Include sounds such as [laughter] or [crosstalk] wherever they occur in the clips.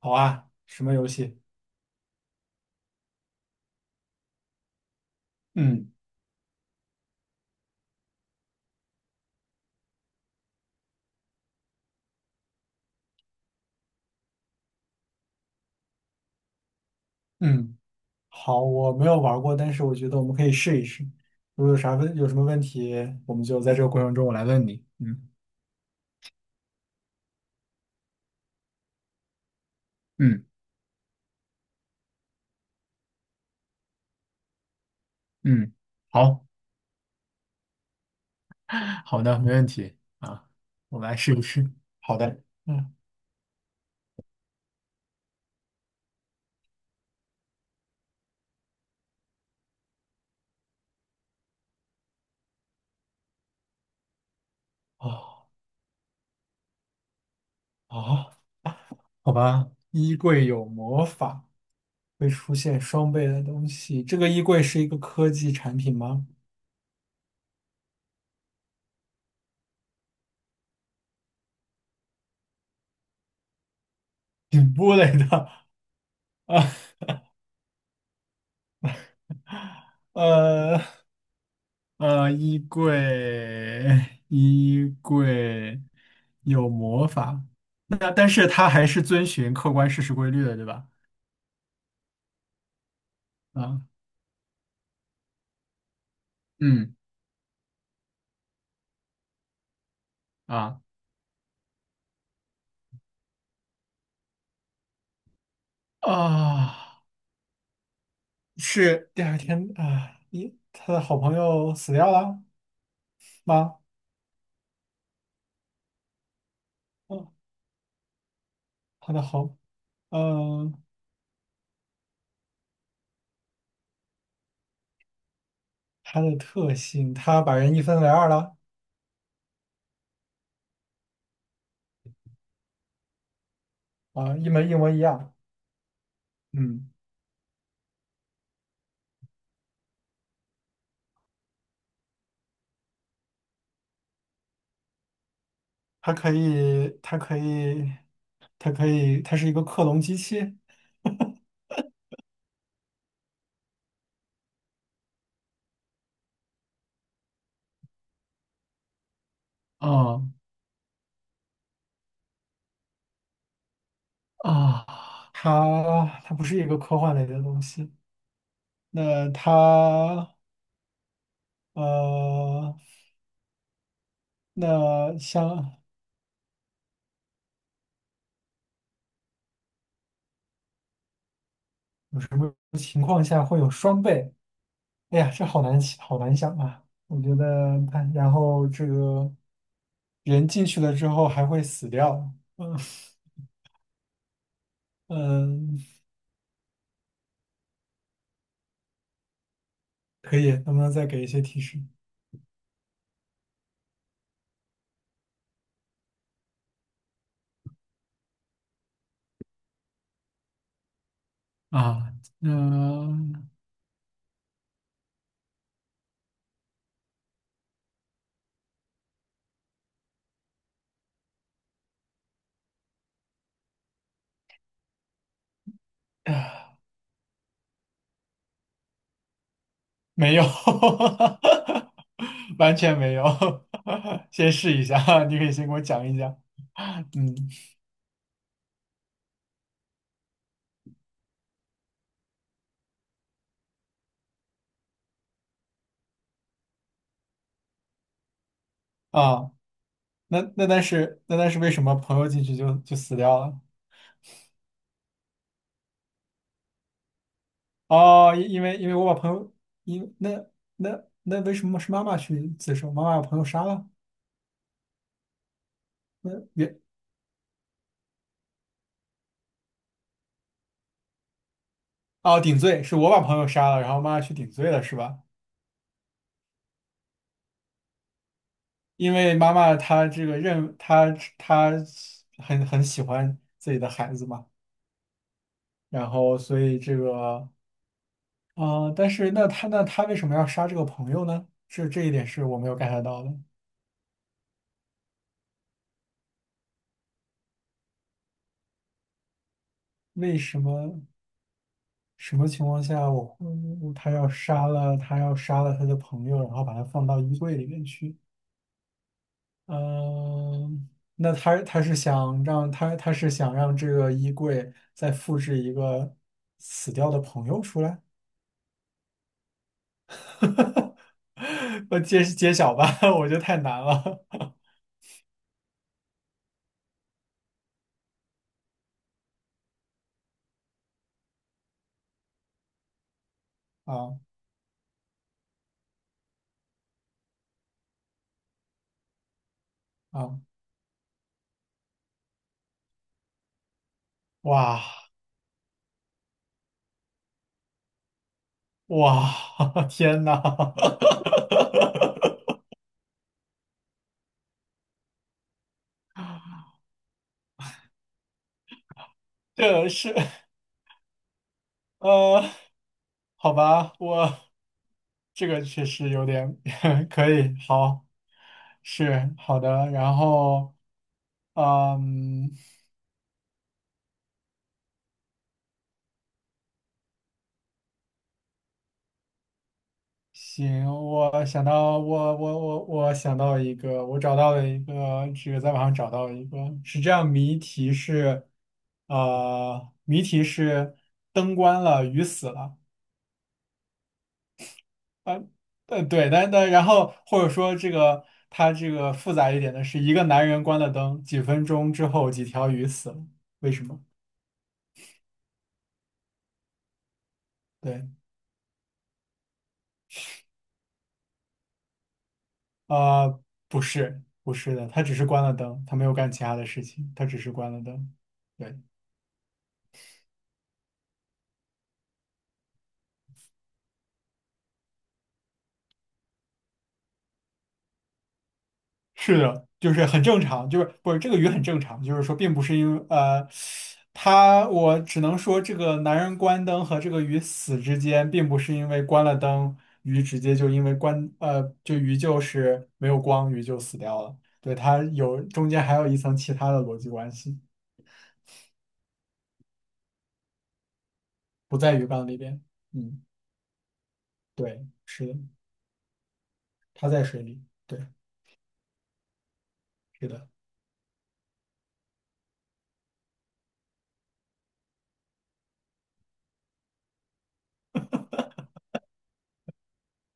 好啊，什么游戏？嗯嗯，好，我没有玩过，但是我觉得我们可以试一试。如果有啥问，有什么问题，我们就在这个过程中我来问你。嗯嗯嗯，好 [laughs]，好的，没问题啊，我们来试一试。好的。嗯，哦哦，好吧。衣柜有魔法，会出现双倍的东西。这个衣柜是一个科技产品吗？顶部类的啊，[laughs] 呃，衣柜，[laughs] 衣柜有魔法，那但是它还是遵循客观事实规律的，对吧？啊嗯啊，啊，是第二天啊，一他的好朋友死掉了吗？嗯，他的好，嗯，他的特性，他把人一分为二了啊，一模一模一样。嗯，它可以，它可以，它可以，它是一个克隆机器。哦啊，它不是一个科幻类的东西。那它呃，那像有什么情况下会有双倍？哎呀，这好难想好难想啊！我觉得它，然后这个人进去了之后还会死掉。嗯嗯，可以，能不能再给一些提示？啊，嗯，[laughs] 没有，[laughs] 完全没有。[laughs] 先试一下，你可以先给我讲一讲。嗯啊，那但是为什么朋友进去就死掉了？哦，因为我把朋友，因那那那为什么是妈妈去自首？妈妈把朋友杀了？那原哦顶罪是我把朋友杀了，然后妈妈去顶罪了是吧？因为妈妈她这个认她她很很喜欢自己的孩子嘛，然后所以这个啊、但是那她为什么要杀这个朋友呢？这这一点是我没有 get 到的。为什么？什么情况下我会他要杀了他的朋友，然后把他放到衣柜里面去？嗯，那他是想让这个衣柜再复制一个死掉的朋友出来？[laughs] 我揭晓吧，[laughs] 我觉得太难了。[laughs] 啊啊！哇哇！[laughs] 天呐，[laughs] 这是呃，好吧，我这个确实有点 [laughs] 可以，好。是好的，然后嗯，行，我想到一个，我找到了一个，这个在网上找到一个，是这样，谜题是，谜题是灯关了，鱼死了，呃对，但然后或者说这个它这个复杂一点的是，一个男人关了灯，几分钟之后几条鱼死了，为什么？对。呃，不是，不是的，他只是关了灯，他没有干其他的事情，他只是关了灯。对，是的，就是很正常，就是不是这个鱼很正常，就是说并不是因为他我只能说这个男人关灯和这个鱼死之间，并不是因为关了灯，鱼直接就因为就鱼就是没有光，鱼就死掉了。对，它有中间还有一层其他的逻辑关系，不在鱼缸里边。嗯，对，是的，它在水里。对，是的。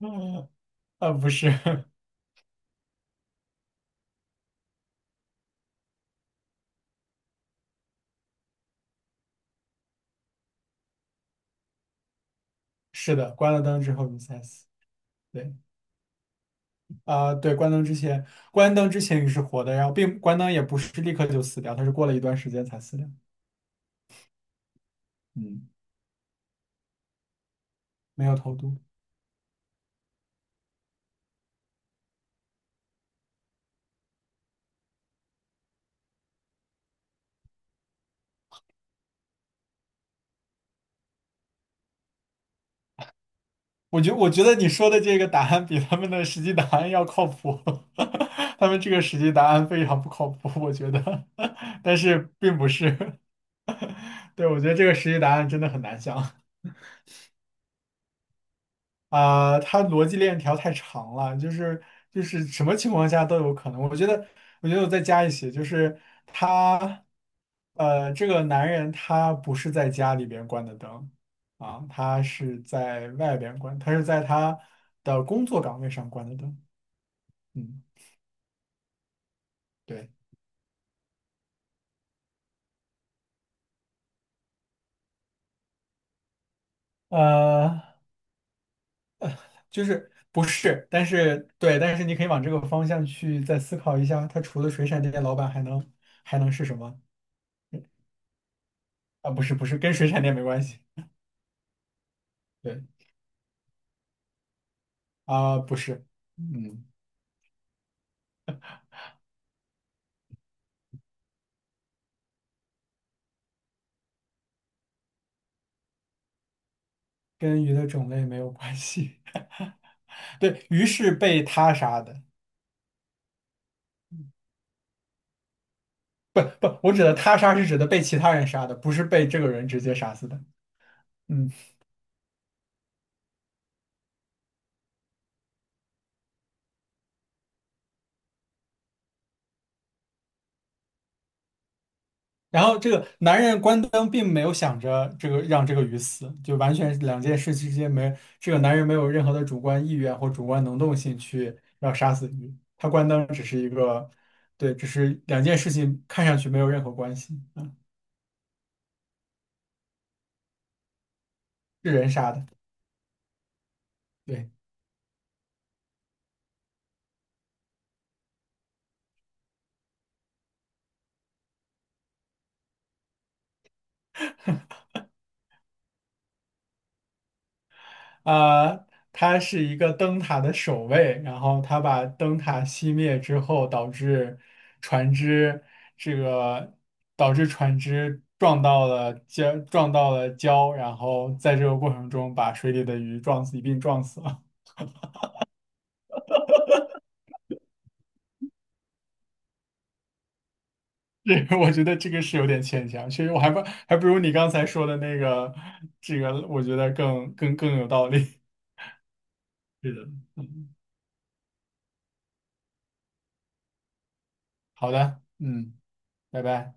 嗯，啊不是，[laughs] 是的，关了灯之后你才死。对，啊、对，关灯之前，关灯之前你是活的，然后并关灯也不是立刻就死掉，它是过了一段时间才死掉。嗯，没有投毒。我觉得你说的这个答案比他们的实际答案要靠谱，[laughs] 他们这个实际答案非常不靠谱，我觉得，[laughs] 但是并不是。[laughs] 对，我觉得这个实际答案真的很难想。啊、他逻辑链条太长了，就是就是什么情况下都有可能。我觉得，我觉得我再加一些，就是他，这个男人他不是在家里边关的灯啊，他是在外边关，他是在他的工作岗位上关的灯。嗯，对，呃，就是不是，但是对，但是你可以往这个方向去再思考一下，他除了水产店老板还能还能是什么？啊，不是不是，跟水产店没关系。对。啊、不是，嗯，跟鱼的种类没有关系。[laughs] 对，鱼是被他杀的，不不，我指的他杀是指的被其他人杀的，不是被这个人直接杀死的。嗯，然后这个男人关灯并没有想着这个让这个鱼死，就完全两件事之间没，这个男人没有任何的主观意愿或主观能动性去要杀死鱼，他关灯只是一个，对，只是两件事情看上去没有任何关系啊，是人杀的。对。啊，他是一个灯塔的守卫，然后他把灯塔熄灭之后，导致船只这个导致船只撞到了礁，撞到了礁，然后在这个过程中把水里的鱼撞死，一并撞死了。[laughs] 这个我觉得这个是有点牵强，其实我还不还不如你刚才说的那个，这个我觉得更更更有道理。[laughs] 是的，嗯，好的，嗯，拜拜。